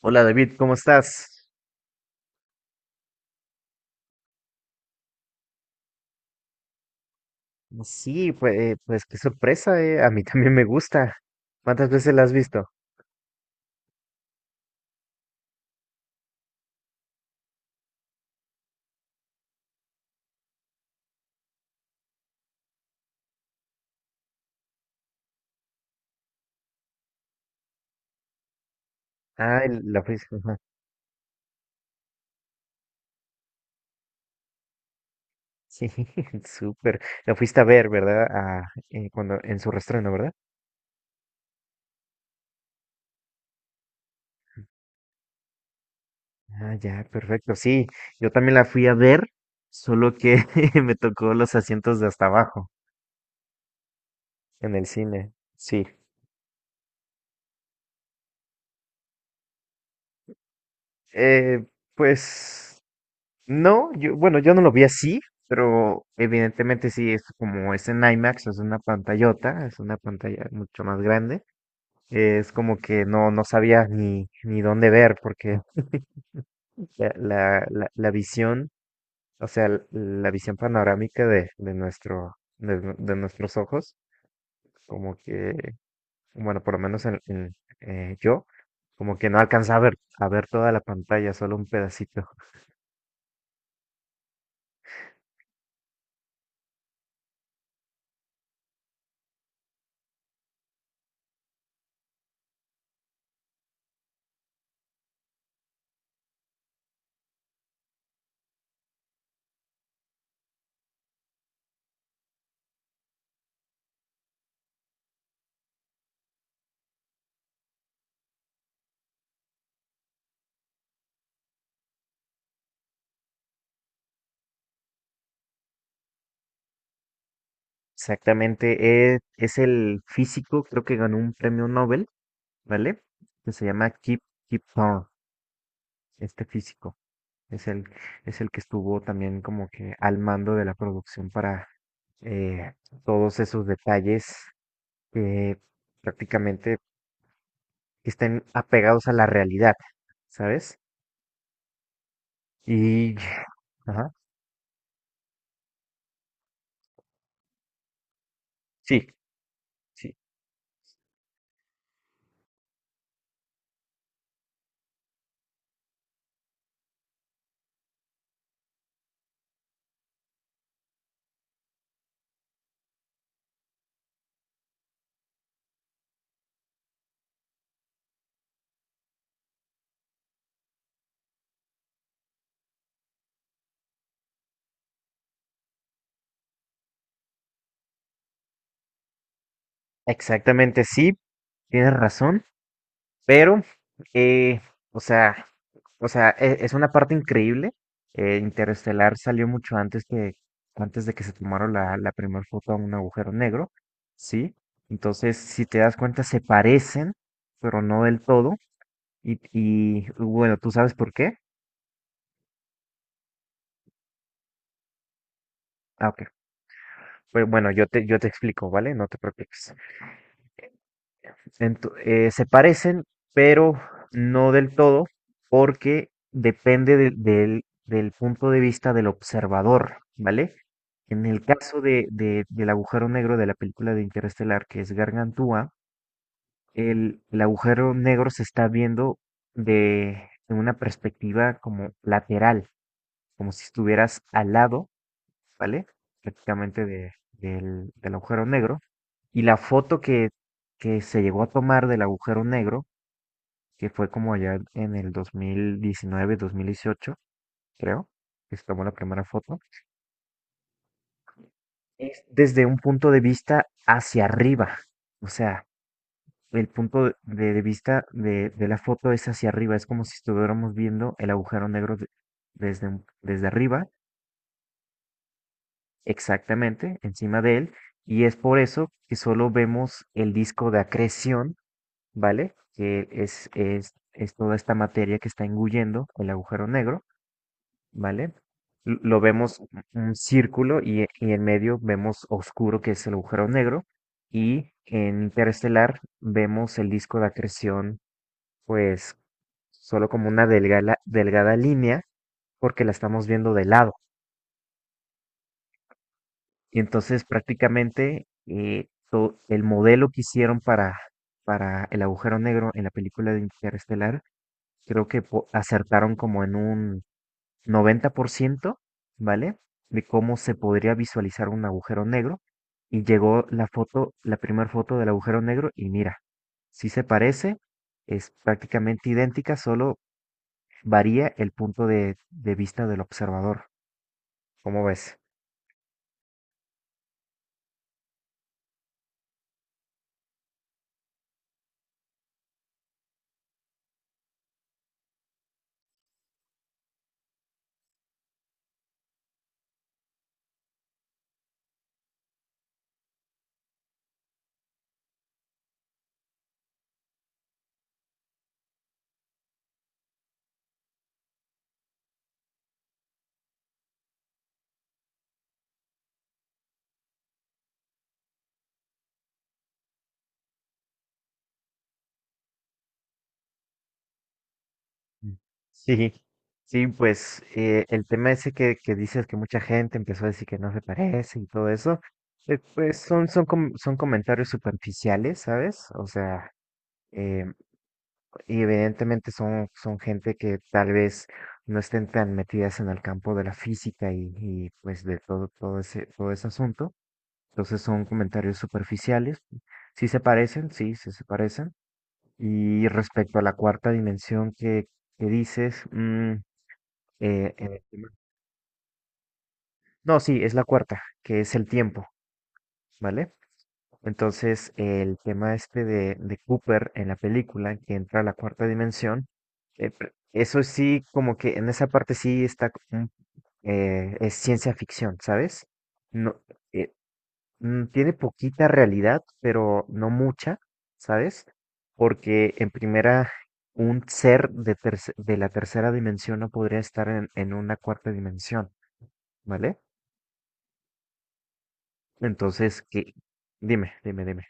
Hola David, ¿cómo estás? Sí, pues, pues qué sorpresa, eh. A mí también me gusta. ¿Cuántas veces la has visto? Ah, la fuiste. Ajá. Sí, súper. La fuiste a ver, ¿verdad? Ah, cuando, en su reestreno, ¿verdad? Ah, ya, perfecto. Sí, yo también la fui a ver, solo que me tocó los asientos de hasta abajo en el cine. Sí. Eh, pues. No, yo, bueno, yo no lo vi así, pero evidentemente sí, es como es en IMAX, es una pantallota, es una pantalla mucho más grande. Es como que no, no sabía ni, ni dónde ver, porque la visión, o sea, la visión panorámica de nuestro, de, de nuestros ojos, como que, bueno, por lo menos en, yo, como que no alcanzaba a ver toda la pantalla, solo un pedacito. Exactamente, es el físico, creo que ganó un premio Nobel, ¿vale? Que se llama Kip, Kip Thorne, este físico. Es el, es el que estuvo también como que al mando de la producción para eh, todos esos detalles que prácticamente estén apegados a la realidad, ¿sabes? Y, ajá. Sí, sí. Exactamente, sí, tienes razón, pero, eh, o sea... O sea, es una parte increíble. Interestelar salió mucho antes que antes de que se tomara la, la primera foto a un agujero negro, ¿sí? Entonces, si te das cuenta, se parecen, pero no del todo. Y bueno, ¿tú sabes por qué? Ah, ok. Pues bueno, yo te explico, ¿vale? No te preocupes. Se parecen, pero no del todo, porque depende del, del punto de vista del observador, ¿vale? En el caso de, del agujero negro de la película de Interestelar, que es Gargantúa, el agujero negro se está viendo de una perspectiva como lateral, como si estuvieras al lado, ¿vale? Prácticamente del, del agujero negro. Y la foto que se llegó a tomar del agujero negro que fue como allá en el 2019, 2018, creo, que se tomó la primera foto, es desde un punto de vista hacia arriba. O sea, el punto de vista de la foto es hacia arriba, es como si estuviéramos viendo el agujero negro desde, desde arriba, exactamente, encima de él, y es por eso que solo vemos el disco de acreción, ¿vale? Que es toda esta materia que está engullendo el agujero negro. ¿Vale? Lo vemos un círculo y, y en medio vemos oscuro, que es el agujero negro, y en interestelar vemos el disco de acreción, pues solo como una delgada, delgada línea, porque la estamos viendo de lado. Y entonces prácticamente el modelo que hicieron para el agujero negro en la película de Interestelar, creo que acertaron como en un 90%, ¿vale? De cómo se podría visualizar un agujero negro. Y llegó la foto, la primera foto del agujero negro y mira, sí se parece, es prácticamente idéntica, solo varía el punto de vista del observador. ¿Cómo ves? Mm. Sí, sí, pues el tema ese que dices que mucha gente empezó a decir que no se parece y todo eso, pues son, son, son comentarios superficiales, ¿sabes? O sea, y evidentemente son, son gente que tal vez no estén tan metidas en el campo de la física y, pues de todo, todo ese asunto. Entonces son comentarios superficiales. Sí se parecen, sí, sí se parecen. Y respecto a la cuarta dimensión que dices, mm, en el no, sí, es la cuarta, que es el tiempo, ¿vale? Entonces, el tema este de Cooper en la película, que entra a la cuarta dimensión, eso sí, como que en esa parte sí está, es ciencia ficción, ¿sabes? No, eh, tiene poquita realidad, pero no mucha, ¿sabes? Porque en primera, un ser de, de la tercera dimensión no podría estar en una cuarta dimensión, ¿vale? Entonces, que, dime, dime, dime.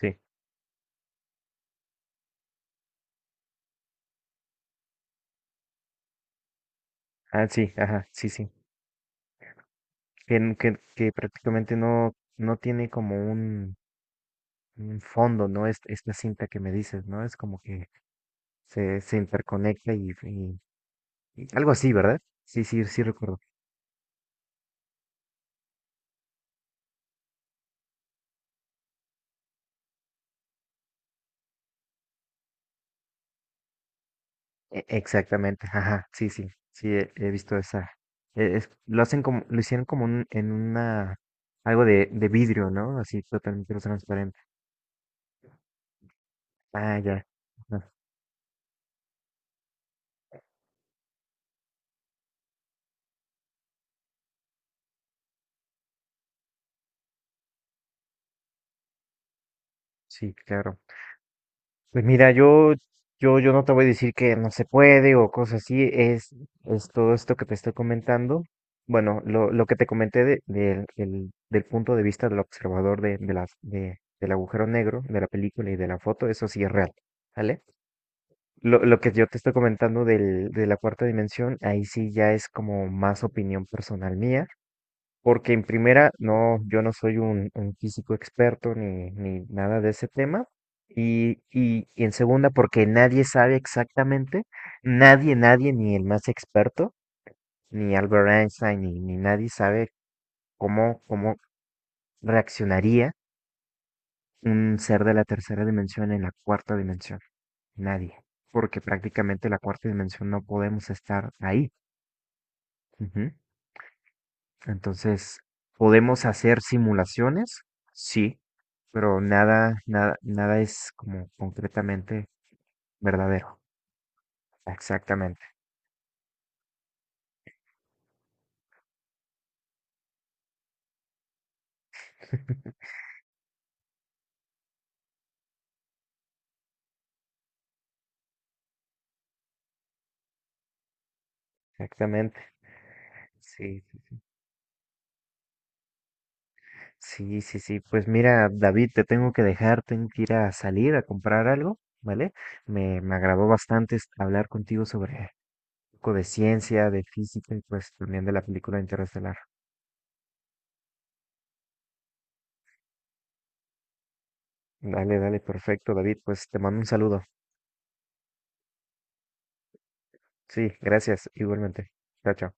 Sí. Ah, sí, ajá, sí, sí. Que, que prácticamente no, no tiene como un fondo, ¿no? Es, esta cinta que me dices, ¿no? Es como que se interconecta y, y algo así, ¿verdad? Sí, sí, sí recuerdo. Exactamente, ajá, sí, sí, sí, he, he visto esa. Lo hacen como, lo hicieron como en una, algo de vidrio, ¿no? Así totalmente transparente. Ah, ya. Ajá, sí, claro. Pues mira, yo no te voy a decir que no se puede o cosas así, es todo esto que te estoy comentando. Bueno, lo que te comenté del punto de vista del observador de, del agujero negro, de la película y de la foto, eso sí es real, ¿vale? Lo que yo te estoy comentando del, de la cuarta dimensión, ahí sí ya es como más opinión personal mía. Porque en primera, no, yo no soy un físico experto ni, ni nada de ese tema. Y en segunda, porque nadie sabe exactamente, nadie, nadie, ni el más experto, ni Albert Einstein, ni, ni nadie sabe cómo, cómo reaccionaría un ser de la tercera dimensión en la cuarta dimensión. Nadie. Porque prácticamente la cuarta dimensión no podemos estar ahí. Ujú. Entonces, ¿podemos hacer simulaciones? Sí, pero nada, nada, nada es como concretamente verdadero. Exactamente, exactamente. Sí, sí, sí, sí. Pues mira, David, te tengo que dejar, tengo que ir a salir a comprar algo, ¿vale? Me agradó bastante hablar contigo sobre un poco de ciencia, de física y pues también de la película Interestelar. Dale, dale, perfecto, David. Pues te mando un saludo. Sí, gracias, igualmente. Chao, chao.